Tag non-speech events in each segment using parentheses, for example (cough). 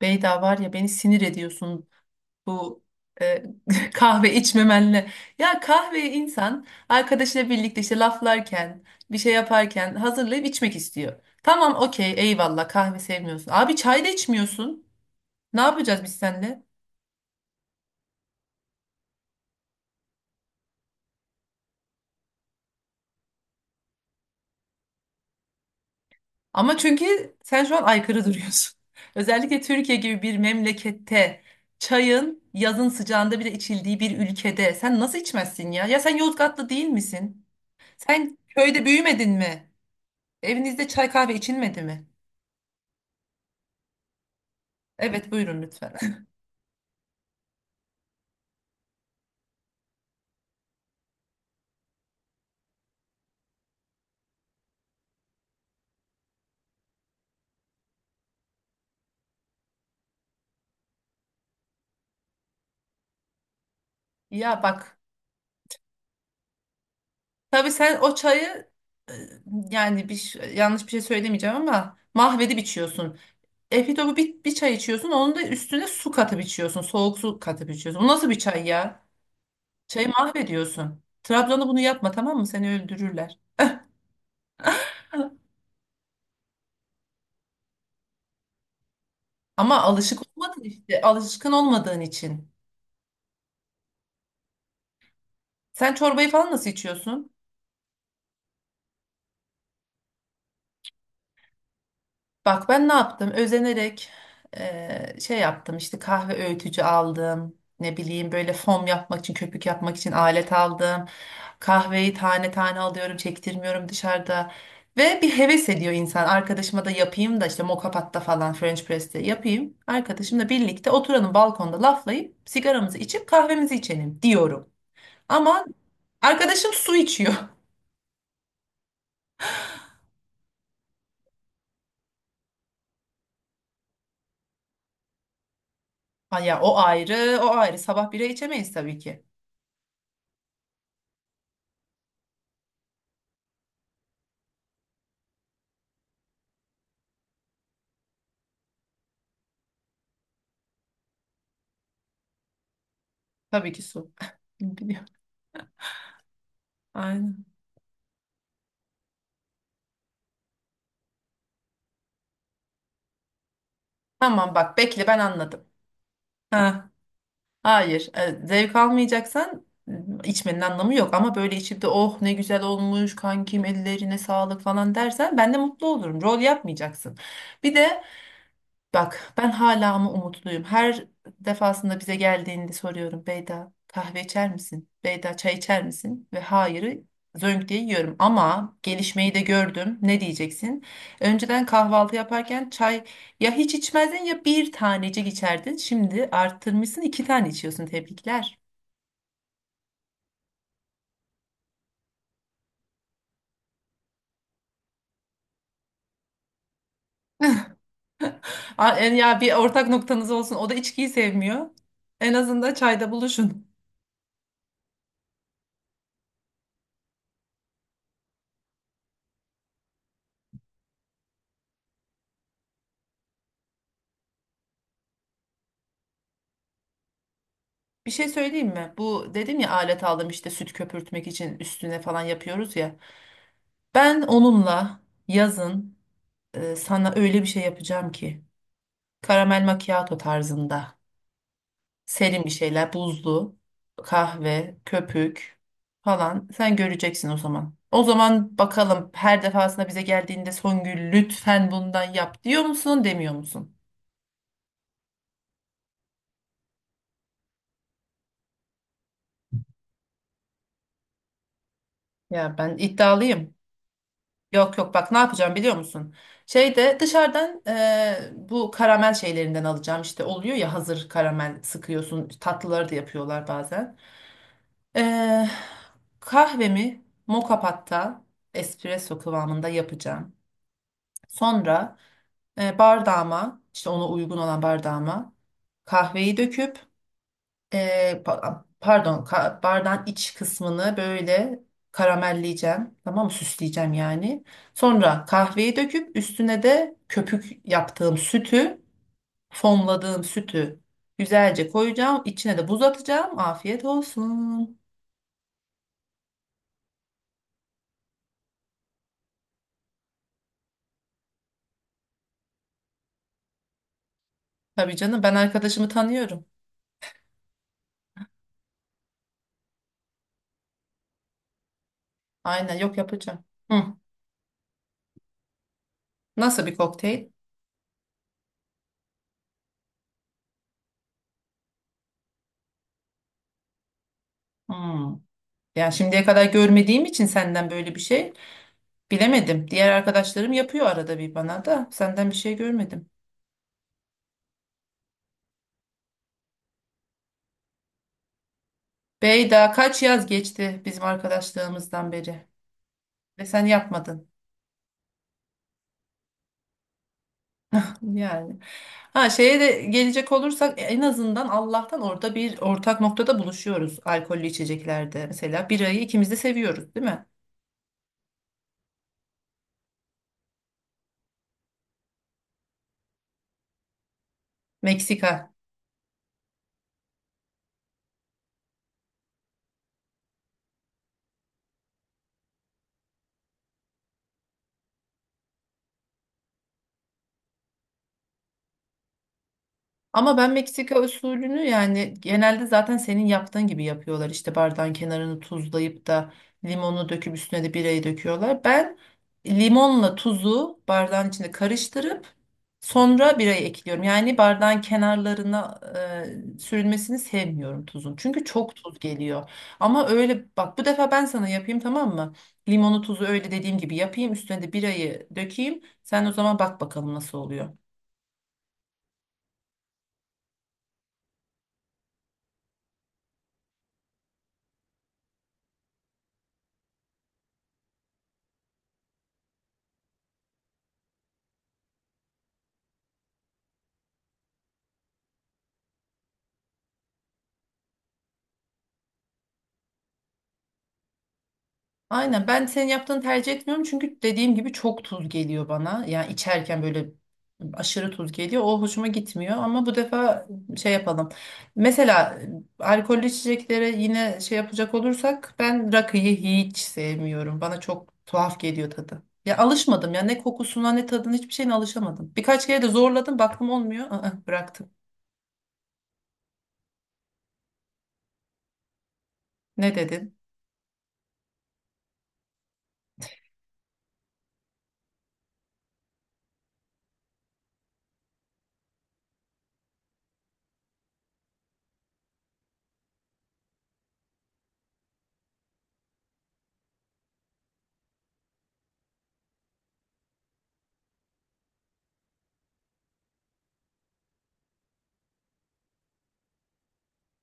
Beyda var ya beni sinir ediyorsun bu e, (laughs) kahve içmemenle. Ya kahveyi insan arkadaşıyla birlikte işte laflarken bir şey yaparken hazırlayıp içmek istiyor. Tamam okey eyvallah kahve sevmiyorsun. Abi çay da içmiyorsun. Ne yapacağız biz seninle? Ama çünkü sen şu an aykırı duruyorsun. (laughs) Özellikle Türkiye gibi bir memlekette çayın yazın sıcağında bile içildiği bir ülkede sen nasıl içmezsin ya? Ya sen Yozgatlı değil misin? Sen köyde büyümedin mi? Evinizde çay kahve içilmedi mi? Evet buyurun lütfen. (laughs) Ya bak tabii sen o çayı e, yani yanlış bir şey söylemeyeceğim ama mahvedip içiyorsun. Efitopu bir çay içiyorsun onun da üstüne su katıp içiyorsun. Soğuk su katıp içiyorsun. Bu nasıl bir çay ya? Çayı mahvediyorsun. Trabzon'da bunu yapma tamam mı? Seni öldürürler. (laughs) Ama alışık olmadın işte. Alışkın olmadığın için. Sen çorbayı falan nasıl içiyorsun? Bak ben ne yaptım? Özenerek şey yaptım işte kahve öğütücü aldım. Ne bileyim böyle fom yapmak için, köpük yapmak için alet aldım. Kahveyi tane tane alıyorum, çektirmiyorum dışarıda. Ve bir heves ediyor insan. Arkadaşıma da yapayım da işte moka patta falan French press'te yapayım. Arkadaşımla birlikte oturalım balkonda laflayıp sigaramızı içip kahvemizi içelim diyorum. Ama arkadaşım su içiyor. (laughs) Ay ya o ayrı, o ayrı. Sabah bira içemeyiz tabii ki. Tabii ki su. (laughs) Biliyorum. Aynen. Tamam bak bekle ben anladım. Ha, hayır. Zevk almayacaksan içmenin anlamı yok ama böyle içip de oh ne güzel olmuş kankim ellerine sağlık falan dersen ben de mutlu olurum. Rol yapmayacaksın. Bir de bak ben hala ama umutluyum. Her defasında bize geldiğinde soruyorum Beyda kahve içer misin? Beyda çay içer misin? Ve hayırı zönk diye yiyorum. Ama gelişmeyi de gördüm. Ne diyeceksin? Önceden kahvaltı yaparken çay ya hiç içmezdin ya bir tanecik içerdin. Şimdi arttırmışsın iki tane içiyorsun. Tebrikler. Aa, ya bir ortak noktanız olsun. O da içkiyi sevmiyor. En azından çayda buluşun. Bir şey söyleyeyim mi? Bu dedim ya alet aldım işte süt köpürtmek için üstüne falan yapıyoruz ya. Ben onunla yazın sana öyle bir şey yapacağım ki karamel macchiato tarzında serin bir şeyler buzlu kahve köpük falan sen göreceksin o zaman. O zaman bakalım her defasında bize geldiğinde Songül lütfen bundan yap diyor musun demiyor musun? Ya ben iddialıyım. Yok yok bak ne yapacağım biliyor musun? Şeyde dışarıdan bu karamel şeylerinden alacağım işte oluyor ya hazır karamel sıkıyorsun tatlıları da yapıyorlar bazen. Eee, kahvemi moka patta espresso kıvamında yapacağım. Sonra bardağıma işte ona uygun olan bardağıma kahveyi döküp bardağın iç kısmını böyle karamelleyeceğim. Tamam mı? Süsleyeceğim yani. Sonra kahveyi döküp üstüne de köpük yaptığım sütü, fonladığım sütü güzelce koyacağım. İçine de buz atacağım. Afiyet olsun. Tabii canım ben arkadaşımı tanıyorum. Aynen yok yapacağım. Hı. Nasıl bir kokteyl? Hmm. Yani şimdiye kadar görmediğim için senden böyle bir şey bilemedim. Diğer arkadaşlarım yapıyor arada bir bana da senden bir şey görmedim. Bey daha kaç yaz geçti bizim arkadaşlığımızdan beri ve sen yapmadın (laughs) yani. Ha şeye de gelecek olursak en azından Allah'tan orada bir ortak noktada buluşuyoruz alkollü içeceklerde. Mesela birayı ikimiz de seviyoruz değil mi? Meksika. Ama ben Meksika usulünü yani genelde zaten senin yaptığın gibi yapıyorlar. İşte bardağın kenarını tuzlayıp da limonu döküp üstüne de birayı döküyorlar. Ben limonla tuzu bardağın içinde karıştırıp sonra birayı ekliyorum. Yani bardağın kenarlarına sürülmesini sevmiyorum tuzun. Çünkü çok tuz geliyor. Ama öyle bak bu defa ben sana yapayım tamam mı? Limonu tuzu öyle dediğim gibi yapayım. Üstüne de birayı dökeyim. Sen o zaman bak bakalım nasıl oluyor. Aynen ben senin yaptığını tercih etmiyorum çünkü dediğim gibi çok tuz geliyor bana. Yani içerken böyle aşırı tuz geliyor. O hoşuma gitmiyor ama bu defa şey yapalım. Mesela alkollü içeceklere yine şey yapacak olursak ben rakıyı hiç sevmiyorum. Bana çok tuhaf geliyor tadı. Ya alışmadım ya ne kokusuna ne tadına hiçbir şeyine alışamadım. Birkaç kere de zorladım baktım olmuyor. Aa, bıraktım. Ne dedin?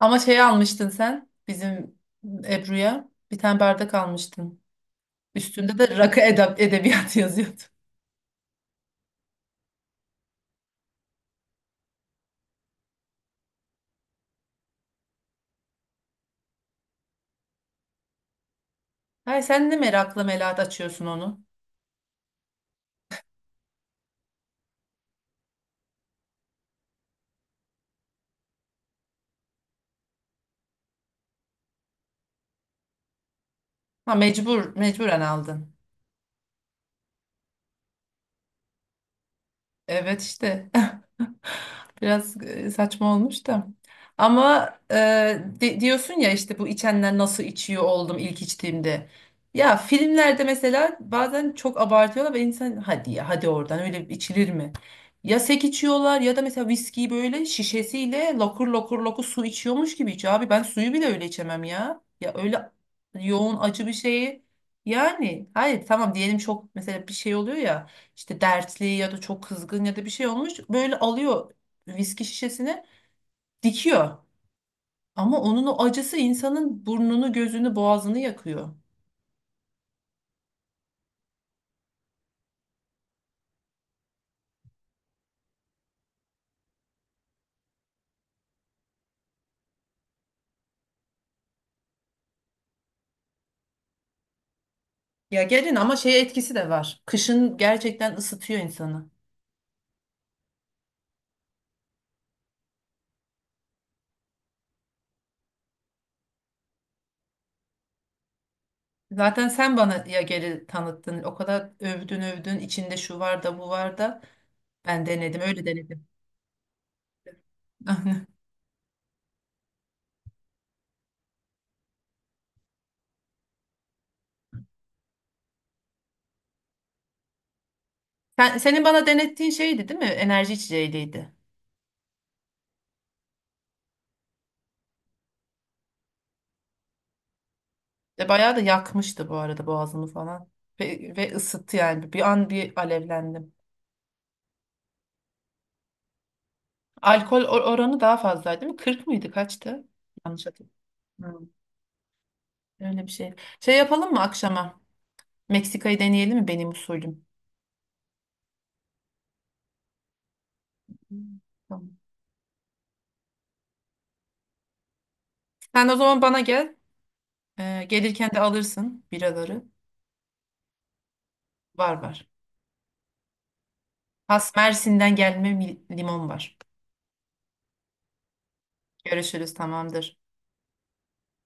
Ama şey almıştın sen bizim Ebru'ya bir tane bardak almıştın. Üstünde de rakı edebiyatı yazıyordu. Hayır sen de merakla melat açıyorsun onu. Ha mecburen aldın. Evet işte. (laughs) (laughs) Biraz saçma olmuş da. Ama diyorsun ya işte bu içenler nasıl içiyor oldum ilk içtiğimde. Ya filmlerde mesela bazen çok abartıyorlar ve insan hadi ya hadi oradan öyle içilir mi? Ya sek içiyorlar ya da mesela viskiyi böyle şişesiyle lokur lokur lokur su içiyormuş gibi içiyor. Abi ben suyu bile öyle içemem ya. Ya öyle yoğun acı bir şeyi yani hayır tamam diyelim çok mesela bir şey oluyor ya. İşte dertli ya da çok kızgın ya da bir şey olmuş böyle alıyor viski şişesini dikiyor. Ama onun o acısı insanın burnunu, gözünü, boğazını yakıyor. Ya gelin ama şey etkisi de var. Kışın gerçekten ısıtıyor insanı. Zaten sen bana ya geri tanıttın. O kadar övdün övdün. İçinde şu var da bu var da. Ben denedim, öyle denedim. (laughs) Senin bana denettiğin şeydi değil mi? Enerji içeceğiydi. Ve bayağı da yakmıştı bu arada boğazımı falan. Ve ısıttı yani. Bir an bir alevlendim. Alkol oranı daha fazlaydı değil mi? 40 mıydı? Kaçtı? Yanlış hatırlıyorum. Hmm. Öyle bir şey. Şey yapalım mı akşama? Meksika'yı deneyelim mi benim usulüm? Hmm. Tamam. Sen o zaman bana gel. Gelirken de alırsın biraları. Var var. Has Mersin'den limon var. Görüşürüz tamamdır.